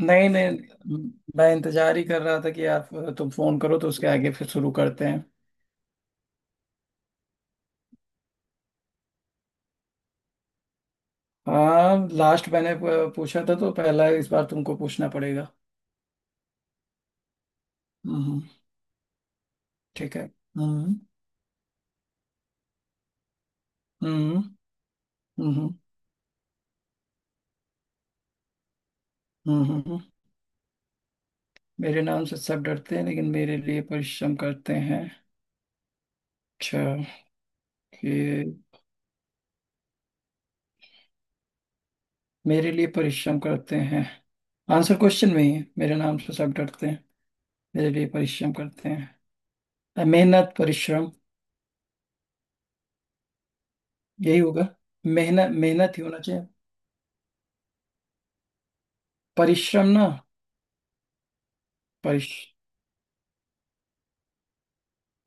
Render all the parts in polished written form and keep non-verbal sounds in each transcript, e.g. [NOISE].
नहीं नहीं, मैं इंतजार ही कर रहा था कि यार तुम फोन करो तो उसके आगे फिर शुरू करते हैं। हाँ लास्ट मैंने पूछा था तो पहला इस बार तुमको पूछना पड़ेगा। हम्म। ठीक है। हम्म। हम्म। हम्म। हम्म। हम्म। हम्म। मेरे नाम से सब डरते हैं लेकिन मेरे लिए परिश्रम करते हैं। अच्छा, ये मेरे लिए परिश्रम करते हैं। आंसर क्वेश्चन में ही है। मेरे नाम से सब डरते हैं, मेरे लिए परिश्रम करते हैं। मेहनत, परिश्रम यही होगा। मेहनत मेहनत ही होना चाहिए। परिश्रम ना? परिश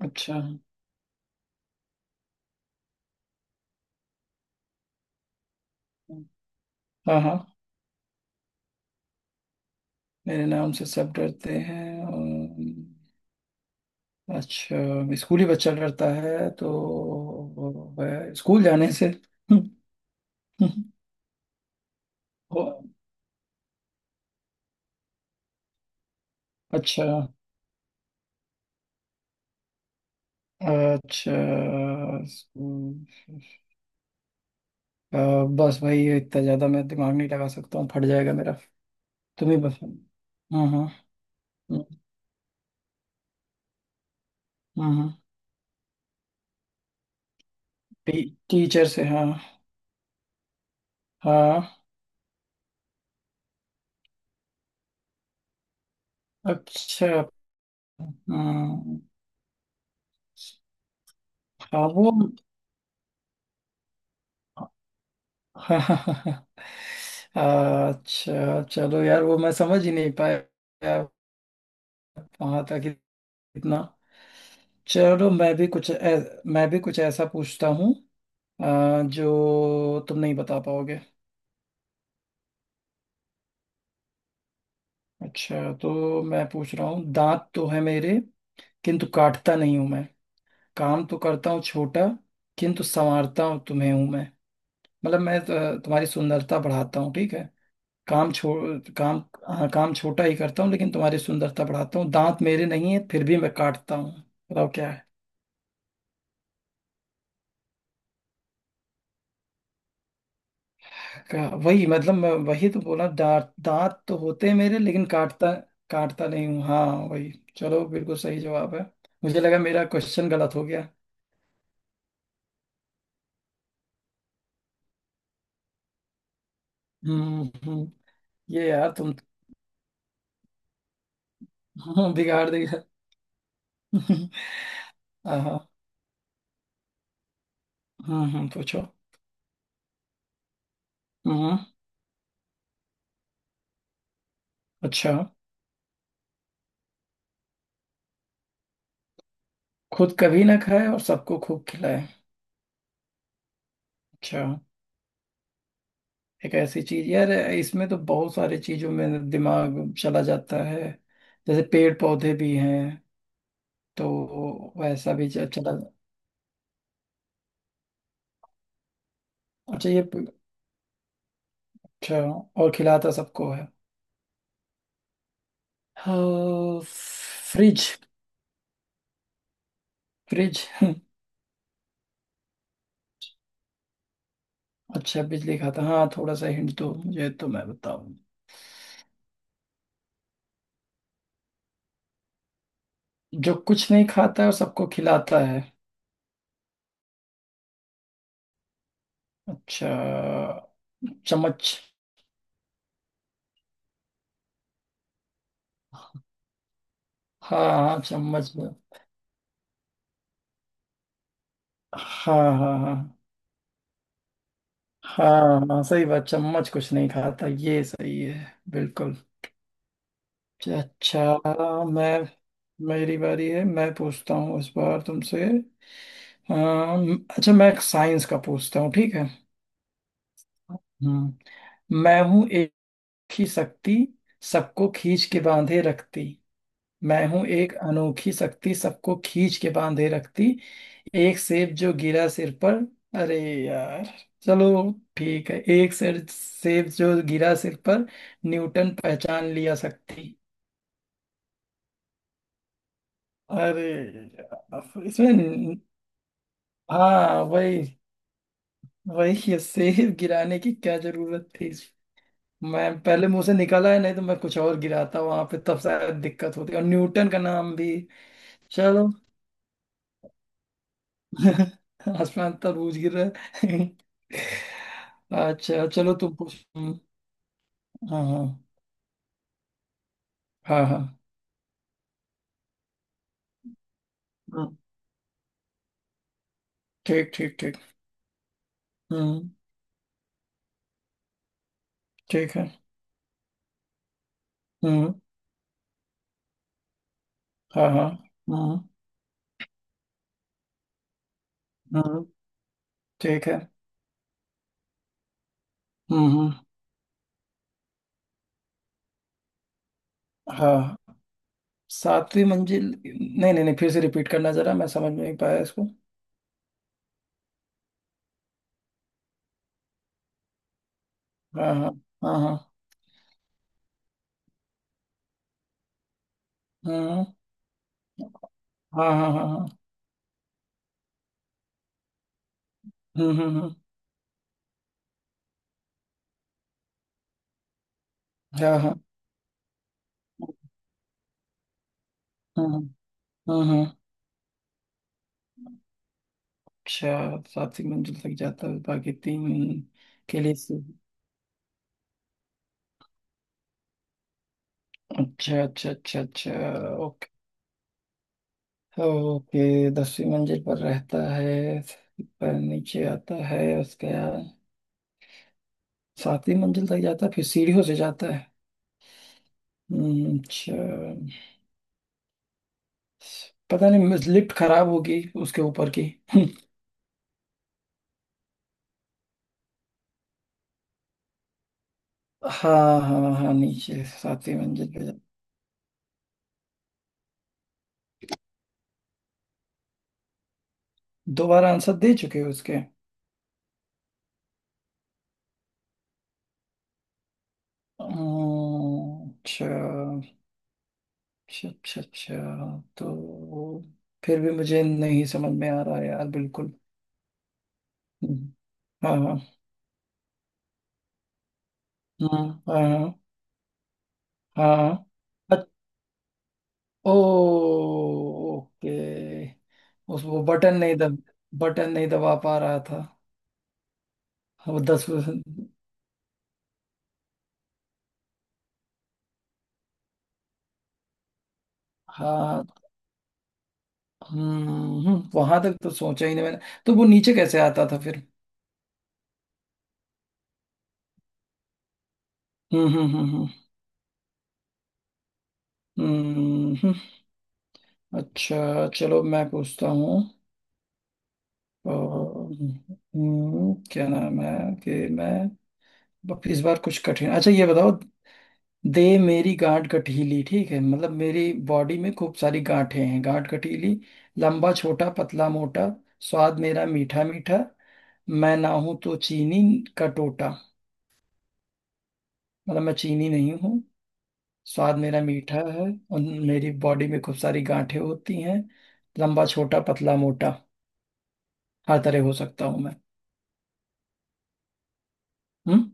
अच्छा। हाँ हाँ। मेरे नाम से सब डरते हैं। अच्छा, स्कूल ही बच्चा डरता है तो वो है, स्कूल जाने से। [LAUGHS] ओ, अच्छा। अच्छा। स्कूल। अ, बस भाई ये इतना ज्यादा मैं दिमाग नहीं लगा सकता हूँ, फट जाएगा मेरा। तुम ही बस। हाँ हाँ। हम्म। टी, टीचर से, हाँ। हाँ। अच्छा। हम्म, हाँ वो। [LAUGHS] हाँ, अच्छा चलो यार, वो मैं समझ ही नहीं पाया वहां तक, इतना। चलो मैं भी कुछ मैं भी कुछ ऐसा पूछता हूँ, जो तुम नहीं बता पाओगे। अच्छा, तो मैं पूछ रहा हूँ। दांत तो है मेरे किंतु काटता नहीं हूं मैं। काम तो करता हूँ छोटा, किंतु संवारता हूँ तुम्हें हूं मैं। मतलब मैं तुम्हारी सुंदरता बढ़ाता हूँ, ठीक है। काम छो काम। हाँ, काम छोटा ही करता हूँ लेकिन तुम्हारी सुंदरता बढ़ाता हूँ। दांत मेरे नहीं है फिर भी मैं काटता हूँ। बताओ क्या है। वही, मतलब मैं वही तो बोला दांत। दांत तो होते हैं मेरे लेकिन काटता, काटता नहीं हूँ, हाँ वही। चलो बिल्कुल सही जवाब है। मुझे लगा मेरा क्वेश्चन गलत हो गया। हम्म हम्म, ये यार तुम। [LAUGHS] हाँ, बिगाड़ देगा। [LAUGHS] हाँ। पूछो। हम्म। अच्छा। खुद कभी ना खाए और सबको खूब खिलाए। अच्छा। एक ऐसी चीज यार, इसमें तो बहुत सारी चीजों में दिमाग चला जाता है। जैसे पेड़ पौधे भी हैं तो वैसा भी चला। अच्छा। ये अच्छा। और खिलाता सबको है, हाँ, फ्रिज। फ्रिज। अच्छा, बिजली खाता, हाँ थोड़ा सा हिंट दो मुझे तो मैं बताऊं। जो कुछ नहीं खाता है और सबको खिलाता है। अच्छा। चम्मच। हाँ हाँ, चम्मच। हाँ हाँ हाँ हाँ, हाँ सही बात, चम्मच कुछ नहीं खाता, ये सही है बिल्कुल। अच्छा। मैं, मेरी बारी है। मैं पूछता हूँ इस बार तुमसे। अच्छा, मैं एक साइंस का पूछता हूँ, ठीक है। हम्म। मैं हूँ एक ही शक्ति, सबको खींच के बांधे रखती। मैं हूं एक अनोखी शक्ति, सबको खींच के बांधे रखती। एक सेब जो गिरा सिर पर। अरे यार। चलो, ठीक है, एक सेर सेब जो गिरा सिर पर, न्यूटन पहचान लिया शक्ति। अरे यार, इसमें हाँ वही वही, ये सेब गिराने की क्या जरूरत थी। मैं पहले मुंह से निकला है, नहीं तो मैं कुछ और गिराता वहां पे, तब शायद दिक्कत होती और न्यूटन का नाम भी। चलो। [LAUGHS] आसमान तरबूज गिर रहा है। [LAUGHS] अच्छा चलो तुम पूछो। हाँ हाँ। हाँ हाँ। हम्म, ठीक ठीक ठीक। हम्म। ठीक है। हम्म। हाँ हाँ। हम्म हम्म। ठीक है। हम्म। हाँ। सातवीं मंजिल, नहीं नहीं नहीं, फिर से रिपीट करना जरा, मैं समझ नहीं पाया इसको। हाँ हाँ हाँ हाँ। हम्म। हाँ हाँ हाँ हाँ। हम्म हम्म हम्म, हाँ हाँ। हम्म हम्म हम्म, हम्म। अच्छा, सातवीं मंजिल तक जाता है बाकी तीन के लिए अच्छा अच्छा अच्छा अच्छा। ओके, दसवीं मंजिल पर रहता है पर नीचे आता है। उसके बाद सातवीं मंजिल तक जाता है, फिर सीढ़ियों से जाता है। अच्छा। पता नहीं लिफ्ट खराब होगी उसके ऊपर की। हाँ हाँ हाँ, नीचे सातवीं मंजिल पे जाता। दोबारा आंसर दे चुके हो उसके। अच्छा अच्छा अच्छा अच्छा। तो फिर भी मुझे नहीं समझ में आ रहा है यार, बिल्कुल। हम्म, हाँ हाँ। हाँ हाँ हाँ। ओ। ओके। उस वो बटन नहीं दब बटन नहीं दबा पा रहा था, वो 10%। हाँ। हम्म, वहां तक तो सोचा ही नहीं मैंने। तो वो नीचे कैसे आता था फिर। हम्म हम्म हम्म हम्म हम्म, हम्म। हम्म। अच्छा चलो मैं पूछता हूँ। क्या नाम है कि मैं अब इस बार कुछ कठिन, अच्छा ये बताओ। दे मेरी गांठ गठीली, ठीक है मतलब मेरी बॉडी में खूब सारी गांठें हैं। गांठ गठीली। लंबा छोटा पतला मोटा। स्वाद मेरा मीठा मीठा। मैं ना हूं तो चीनी का टोटा। मतलब मैं चीनी नहीं हूँ। स्वाद मेरा मीठा है। और मेरी बॉडी में खूब सारी गांठें होती हैं। लंबा छोटा पतला मोटा, हर तरह हो सकता हूँ मैं। हम्म।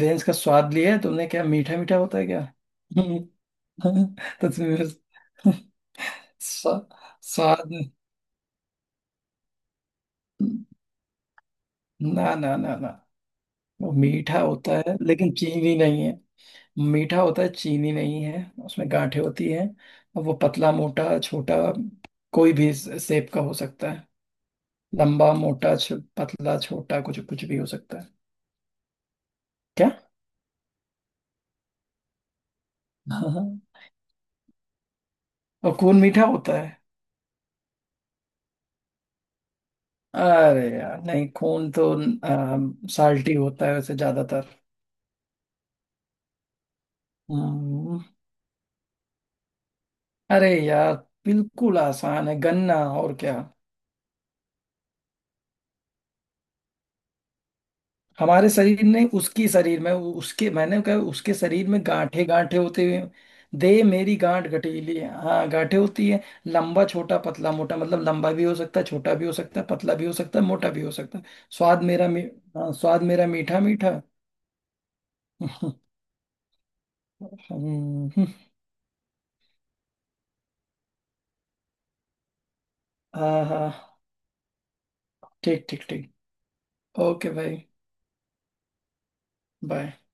रेंज का स्वाद लिया है तुमने क्या? मीठा मीठा होता है क्या? हम्म, [LAUGHS] तो तुम्हें स्वा- स्वाद। ना ना ना ना, वो मीठा होता है लेकिन चीनी नहीं है। मीठा होता है चीनी नहीं है, उसमें गांठें होती हैं, और वो पतला मोटा छोटा कोई भी सेप का हो सकता है। लंबा मोटा पतला छोटा, कुछ कुछ भी हो सकता है। क्या? हाँ हाँ। और खून मीठा होता है? अरे यार नहीं, खून तो साल्टी होता है वैसे ज्यादातर। हम्म, अरे यार बिल्कुल आसान है, गन्ना, और क्या। हमारे शरीर ने, उसकी शरीर में, उसके, मैंने कहा उसके शरीर में गांठे गांठे होते हुए, दे मेरी गांठ गठीली है, हाँ गांठे होती है। लंबा छोटा पतला मोटा, मतलब लंबा भी हो सकता है छोटा भी हो सकता है पतला भी हो सकता है मोटा भी हो सकता है। स्वाद मेरा हाँ, स्वाद मेरा मीठा मीठा। [LAUGHS] हम्म, हाँ हाँ। ठीक ठीक ठीक। ओके भाई। बाय।